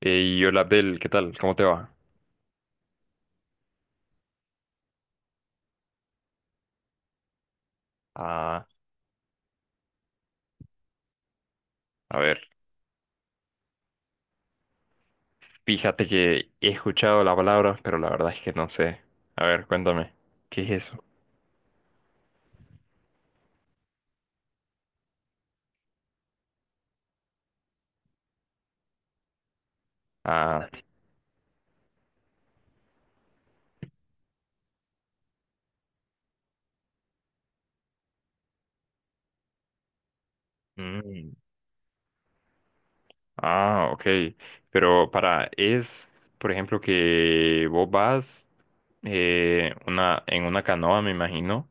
Hey, hola Abdel, ¿qué tal? ¿Cómo te va? Ah, a ver, fíjate que he escuchado la palabra, pero la verdad es que no sé. A ver, cuéntame, ¿qué es eso? Ah, mm, ah, ok. Pero para, es, por ejemplo, que vos vas en una canoa, me imagino,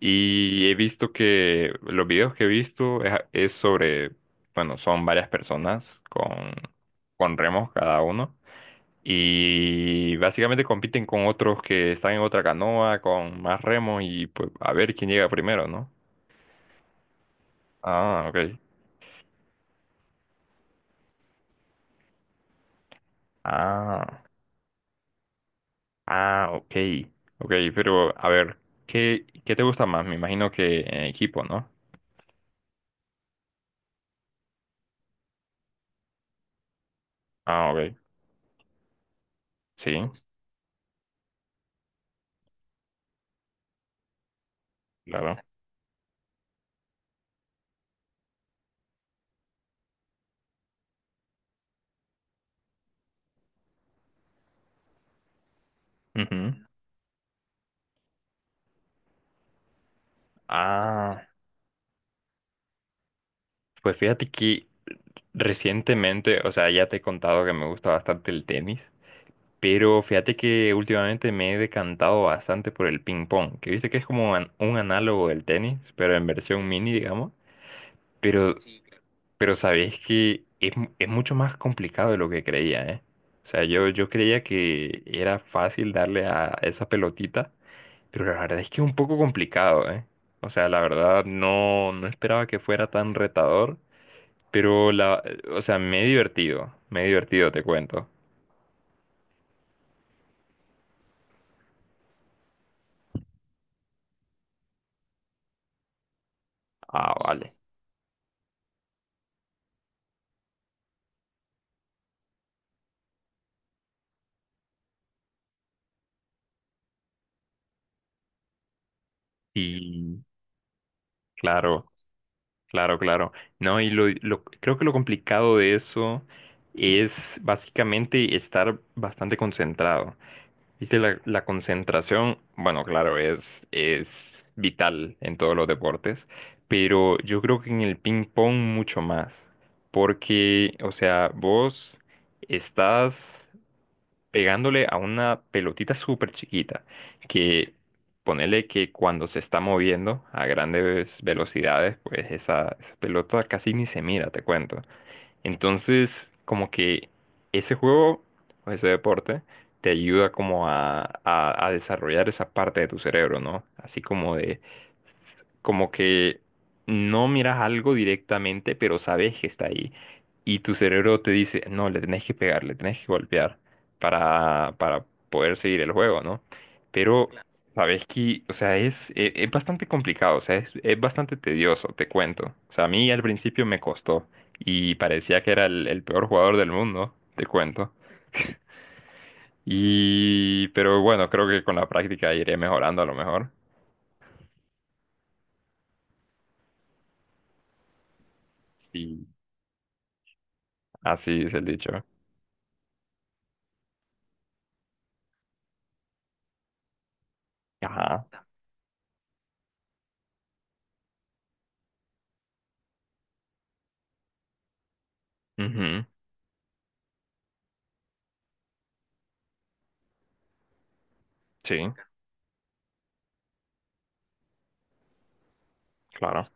y he visto que los videos que he visto es sobre, bueno, son varias personas con remos cada uno. Y básicamente compiten con otros que están en otra canoa, con más remos y pues a ver quién llega primero, ¿no? Ah, ok. Ah, ah, ok. Ok, pero a ver, ¿qué te gusta más? Me imagino que en equipo, ¿no? Ah, ok. Sí, claro. Ujú. Ah, pues fíjate que recientemente, o sea, ya te he contado que me gusta bastante el tenis. Pero fíjate que últimamente me he decantado bastante por el ping pong, que viste que es como un análogo del tenis, pero en versión mini, digamos. Sí, claro. Pero sabéis que es mucho más complicado de lo que creía, ¿eh? O sea, yo creía que era fácil darle a esa pelotita, pero la verdad es que es un poco complicado, ¿eh? O sea, la verdad no esperaba que fuera tan retador, pero la, o sea, me he divertido, te cuento. Ah, vale. Sí, claro. Claro, claro. No, y creo que lo complicado de eso es básicamente estar bastante concentrado. Viste, la concentración, bueno, claro, es vital en todos los deportes, pero yo creo que en el ping pong mucho más, porque, o sea, vos estás pegándole a una pelotita súper chiquita que ponele que cuando se está moviendo a grandes velocidades, pues esa pelota casi ni se mira, te cuento. Entonces, como que ese juego o ese deporte te ayuda como a desarrollar esa parte de tu cerebro, ¿no? Así como de, como que no miras algo directamente, pero sabes que está ahí. Y tu cerebro te dice, no, le tenés que pegar, le tenés que golpear para poder seguir el juego, ¿no? Pero sabes que, o sea, es bastante complicado, o sea, es bastante tedioso, te cuento. O sea, a mí al principio me costó y parecía que era el peor jugador del mundo, te cuento. Y, pero bueno, creo que con la práctica iré mejorando a lo mejor. Sí, así es el dicho. Ajá. Ujú. Sí, claro.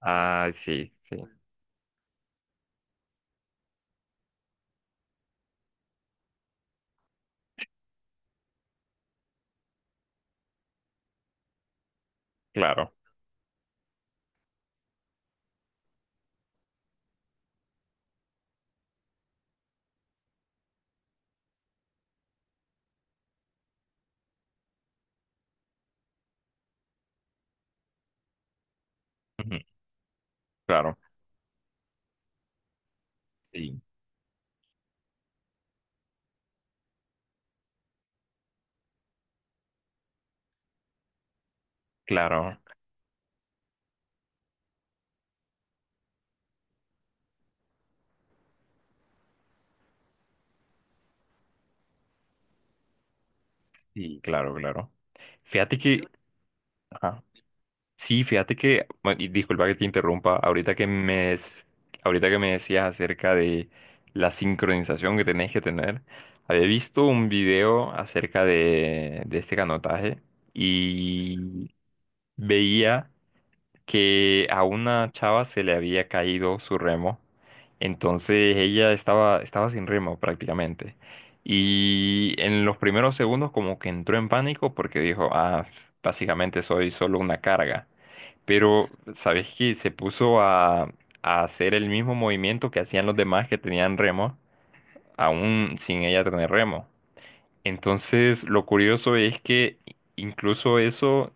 Ah, sí, sí, claro. Ujú. Claro, sí, claro, sí, claro, claro. Fíjate que, ajá. Sí, fíjate que, bueno, y disculpa que te interrumpa, ahorita que me decías acerca de la sincronización que tenés que tener, había visto un video acerca de este canotaje y veía que a una chava se le había caído su remo, entonces ella estaba sin remo prácticamente. Y en los primeros segundos como que entró en pánico porque dijo, ah, básicamente soy solo una carga. Pero, ¿sabes qué? Se puso a hacer el mismo movimiento que hacían los demás que tenían remo, aún sin ella tener remo. Entonces, lo curioso es que incluso eso,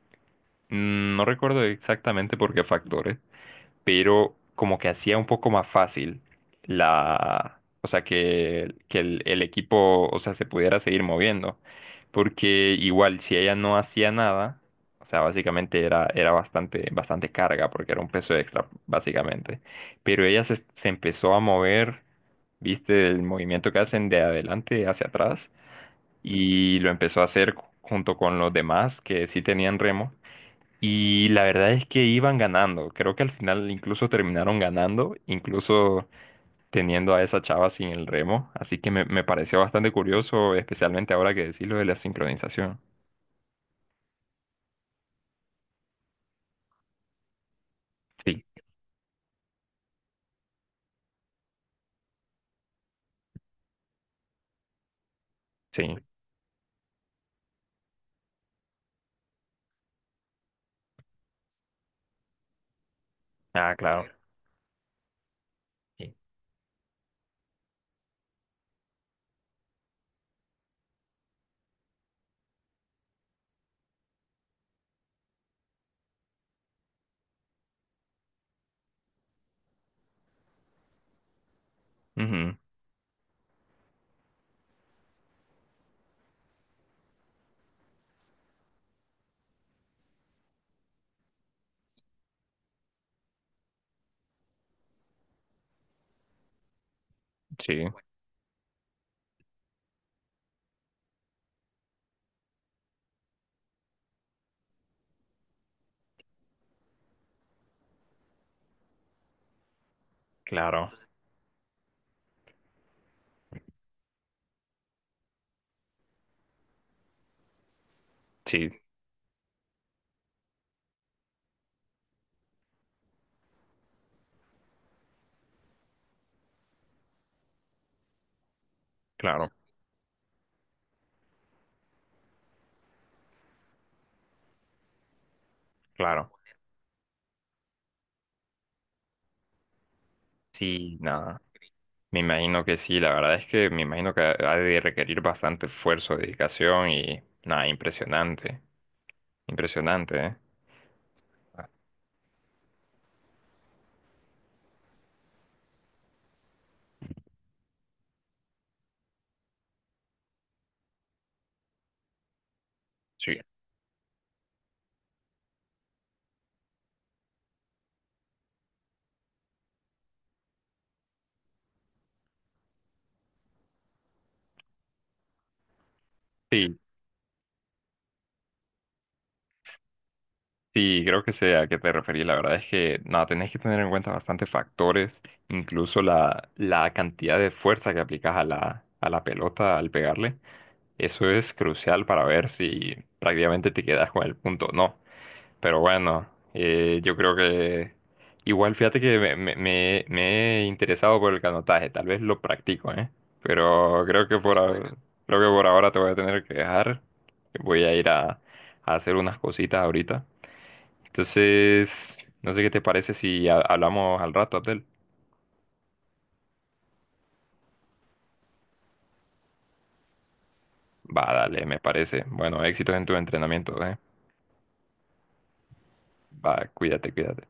no recuerdo exactamente por qué factores, pero como que hacía un poco más fácil la, o sea, que el equipo, o sea, se pudiera seguir moviendo, porque igual si ella no hacía nada, o sea, básicamente era bastante, bastante carga, porque era un peso extra, básicamente, pero ella se empezó a mover, viste, el movimiento que hacen de adelante hacia atrás, y lo empezó a hacer junto con los demás que sí tenían remo. Y la verdad es que iban ganando. Creo que al final incluso terminaron ganando, incluso teniendo a esa chava sin el remo. Así que me pareció bastante curioso, especialmente ahora que decís lo de la sincronización. Sí, sí. Ah, claro. Sí. Ujú, sí, claro. Sí, claro, claro. Sí, nada. Me imagino que sí. La verdad es que me imagino que ha de requerir bastante esfuerzo, dedicación y nada, impresionante. Impresionante, ¿eh? Ah, sí. Sí, sí, creo que sé a qué te referís. La verdad es que nada, tenés que tener en cuenta bastantes factores, incluso la cantidad de fuerza que aplicas a a la pelota al pegarle. Eso es crucial para ver si prácticamente te quedas con el punto o no. Pero bueno, yo creo que igual fíjate que me he interesado por el canotaje, tal vez lo practico, ¿eh? Pero creo que bueno, creo que por ahora te voy a tener que dejar. Voy a ir a hacer unas cositas ahorita. Entonces, no sé qué te parece si hablamos al rato, Abdel. Va, dale, me parece. Bueno, éxitos en tu entrenamiento, ¿eh? Va, cuídate, cuídate.